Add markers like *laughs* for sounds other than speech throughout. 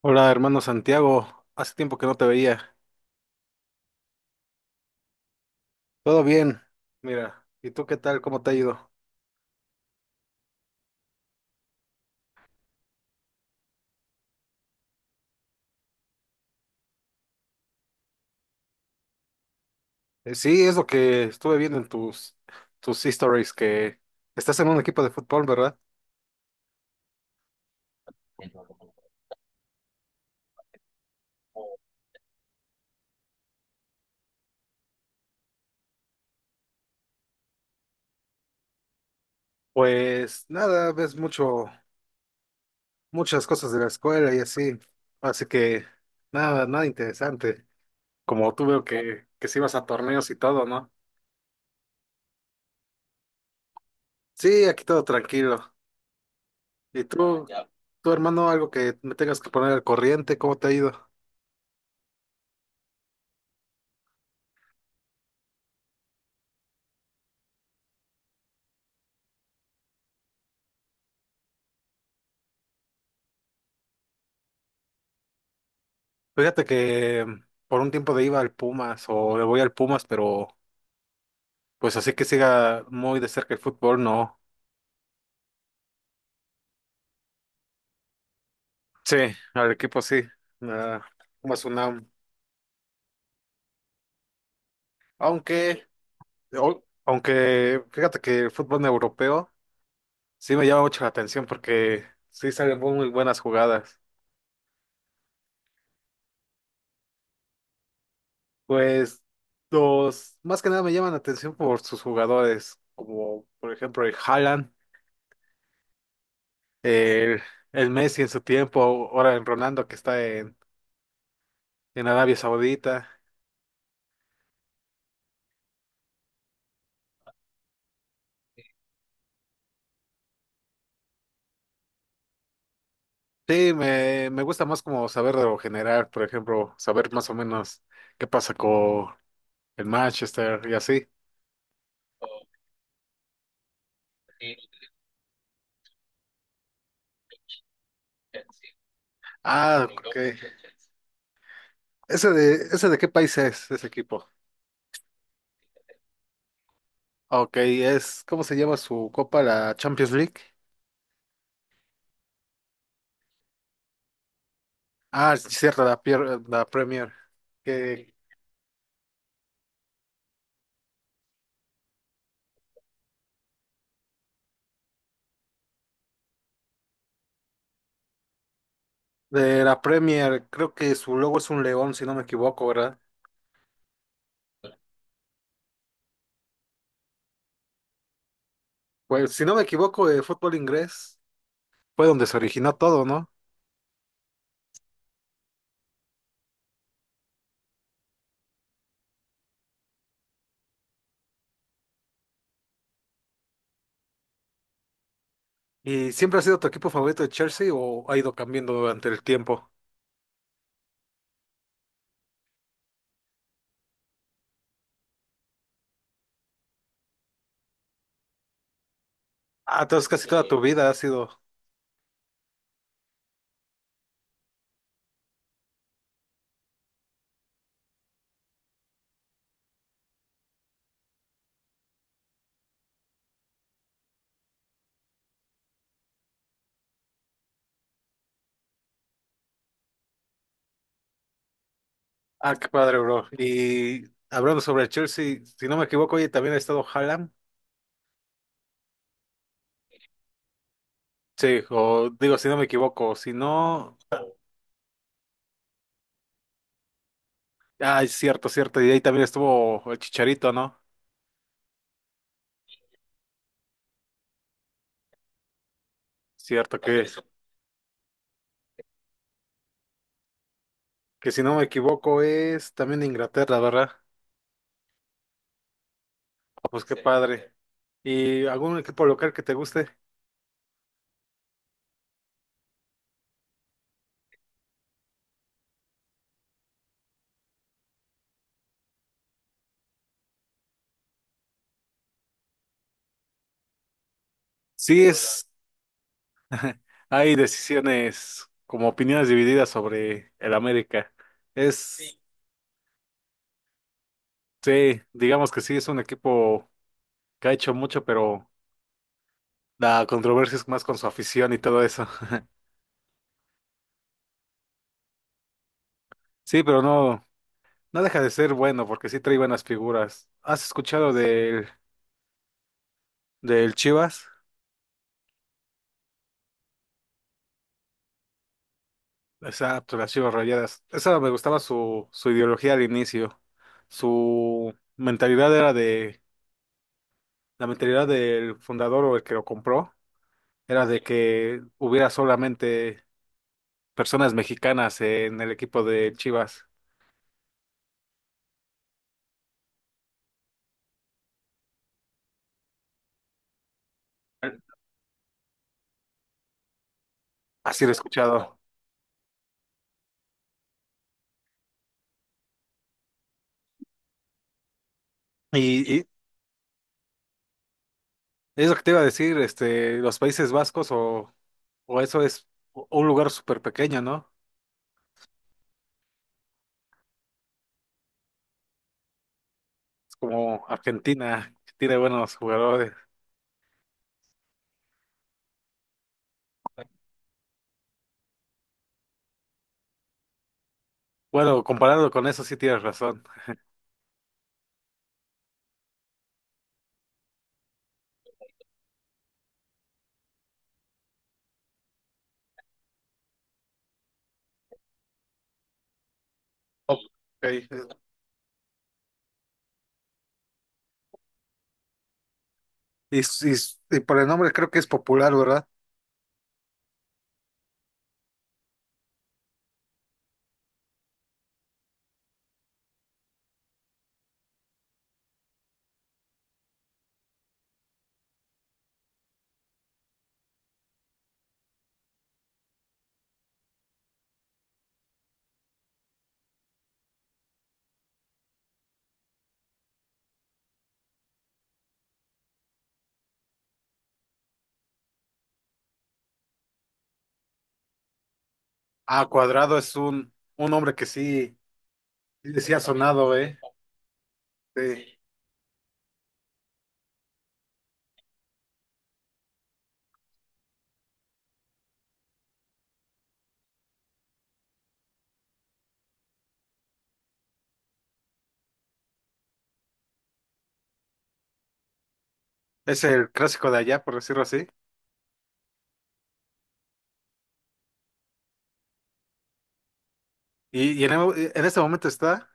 Hola, hermano Santiago. Hace tiempo que no te veía. Todo bien. Mira, ¿y tú qué tal? ¿Cómo te ha ido? Sí, es lo que estuve viendo en tus stories, que estás en un equipo de fútbol, ¿verdad? Pues nada, muchas cosas de la escuela y así. Así que nada interesante. Como tú veo que sí vas a torneos y todo, ¿no? Sí, aquí todo tranquilo. ¿Y tu hermano, algo que me tengas que poner al corriente? ¿Cómo te ha ido? Fíjate que por un tiempo de iba al Pumas o le voy al Pumas, pero pues así que siga muy de cerca el fútbol, no. Sí, al equipo sí, ah, Pumas UNAM. Aunque, Aunque fíjate que el fútbol europeo sí me llama mucho la atención porque sí salen muy buenas jugadas. Pues los más que nada me llaman la atención por sus jugadores, como por ejemplo el Haaland, el, el Messi en su tiempo, ahora el Ronaldo que está en Arabia Saudita. Sí, me gusta más como saber de lo general, por ejemplo, saber más o menos qué pasa con el Manchester y así. Ah, ok. ¿Ese ese de qué país es ese equipo? Ok, ¿cómo se llama su copa? La Champions League. Ah, sí, cierto, la Premier. Que De la Premier, creo que su logo es un león, si no me equivoco, ¿verdad? Pues si no me equivoco, el fútbol inglés fue donde se originó todo, ¿no? ¿Y siempre ha sido tu equipo favorito de Chelsea o ha ido cambiando durante el tiempo? Ah, entonces casi toda tu vida ha sido. Ah, qué padre, bro. Y hablando sobre Chelsea, si no me equivoco, oye, también ha estado Haaland. Sí, o digo, si no me equivoco, si no. Ah, es cierto, cierto. Y ahí también estuvo el Chicharito, ¿no? Cierto que, que si no me equivoco, es también de Inglaterra, ¿verdad? Pues qué padre. ¿Y algún equipo local que te guste? Sí, es. Hay decisiones como opiniones divididas sobre el América. Es, sí, digamos que sí, es un equipo que ha hecho mucho, pero la controversia es más con su afición y todo eso. *laughs* Sí, pero no, no deja de ser bueno porque sí trae buenas figuras. ¿Has escuchado del Chivas? Exacto, las Chivas Rayadas. Esa me gustaba su ideología al inicio. Su mentalidad era de, La mentalidad del fundador o el que lo compró. Era de que hubiera solamente personas mexicanas en el equipo de Chivas. Así lo he escuchado. Y, y es lo que te iba a decir, este, los Países Vascos o eso es un lugar súper pequeño, ¿no? Es como Argentina, que tiene buenos jugadores. Bueno, comparado con eso sí tienes razón. Ok. Y, y- y por el nombre creo que es popular, ¿verdad? Ah, Cuadrado es un nombre que sí, sí ha sonado, ¿eh? Sí. Es el clásico de allá, por decirlo así. En este momento está.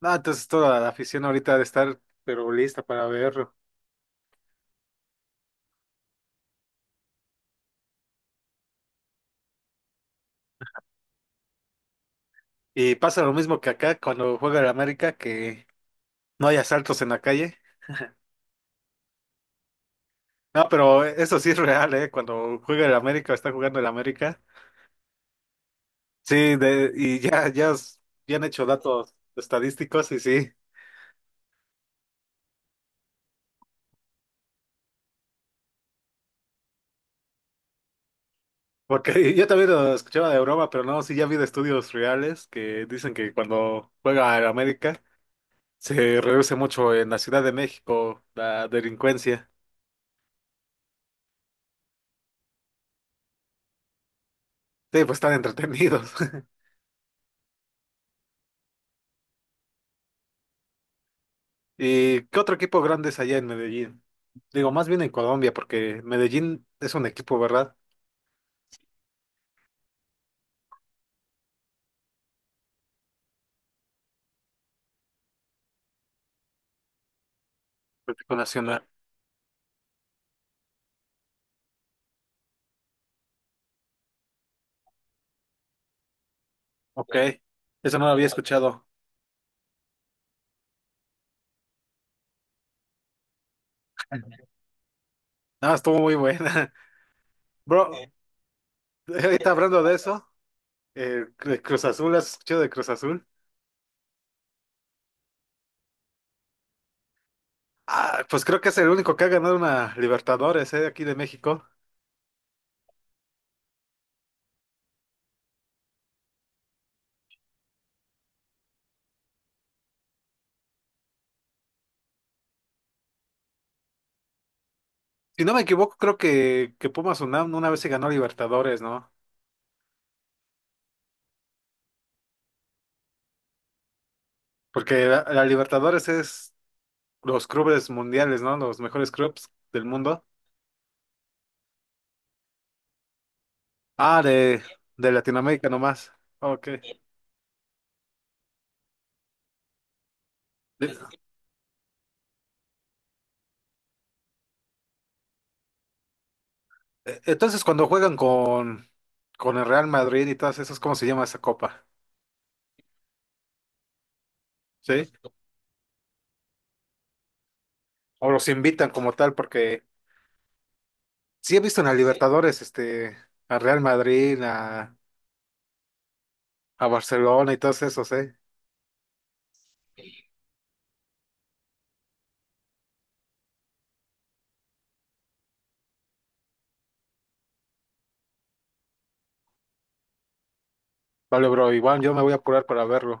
No, entonces toda la afición ahorita de estar, pero lista para verlo. Y pasa lo mismo que acá cuando juega el América, que no hay asaltos en la calle. No, pero eso sí es real, ¿eh? Cuando juega el América o está jugando el América. Sí, de, y ya, ya, s- Ya han hecho datos estadísticos y sí. Porque *laughs* yo también lo escuchaba de broma, pero no, sí ya vi de estudios reales que dicen que cuando juega el América se reduce mucho en la Ciudad de México la delincuencia. Sí, pues están entretenidos. *laughs* ¿Y qué otro equipo grande es allá en Medellín? Digo, más bien en Colombia, porque Medellín es un equipo, ¿verdad? Un equipo nacional. Ok, eso no lo había escuchado. Ah, estuvo muy buena. *laughs* Bro, ahorita hablando de eso, de Cruz Azul, ¿has escuchado de Cruz Azul? Ah, pues creo que es el único que ha ganado una Libertadores, aquí de México. Si no me equivoco, creo que Pumas UNAM una vez se ganó Libertadores, ¿no? Porque la Libertadores es los clubes mundiales, ¿no? Los mejores clubes del mundo. Ah, de, de Latinoamérica nomás. Ok. De- entonces, cuando juegan con el Real Madrid y todas esas, ¿cómo se llama esa copa? ¿Sí? O los invitan como tal, porque sí he visto en la Libertadores, este, a Real Madrid, a Barcelona y todos esos, ¿eh? Vale, bro, igual yo me voy a apurar para verlo.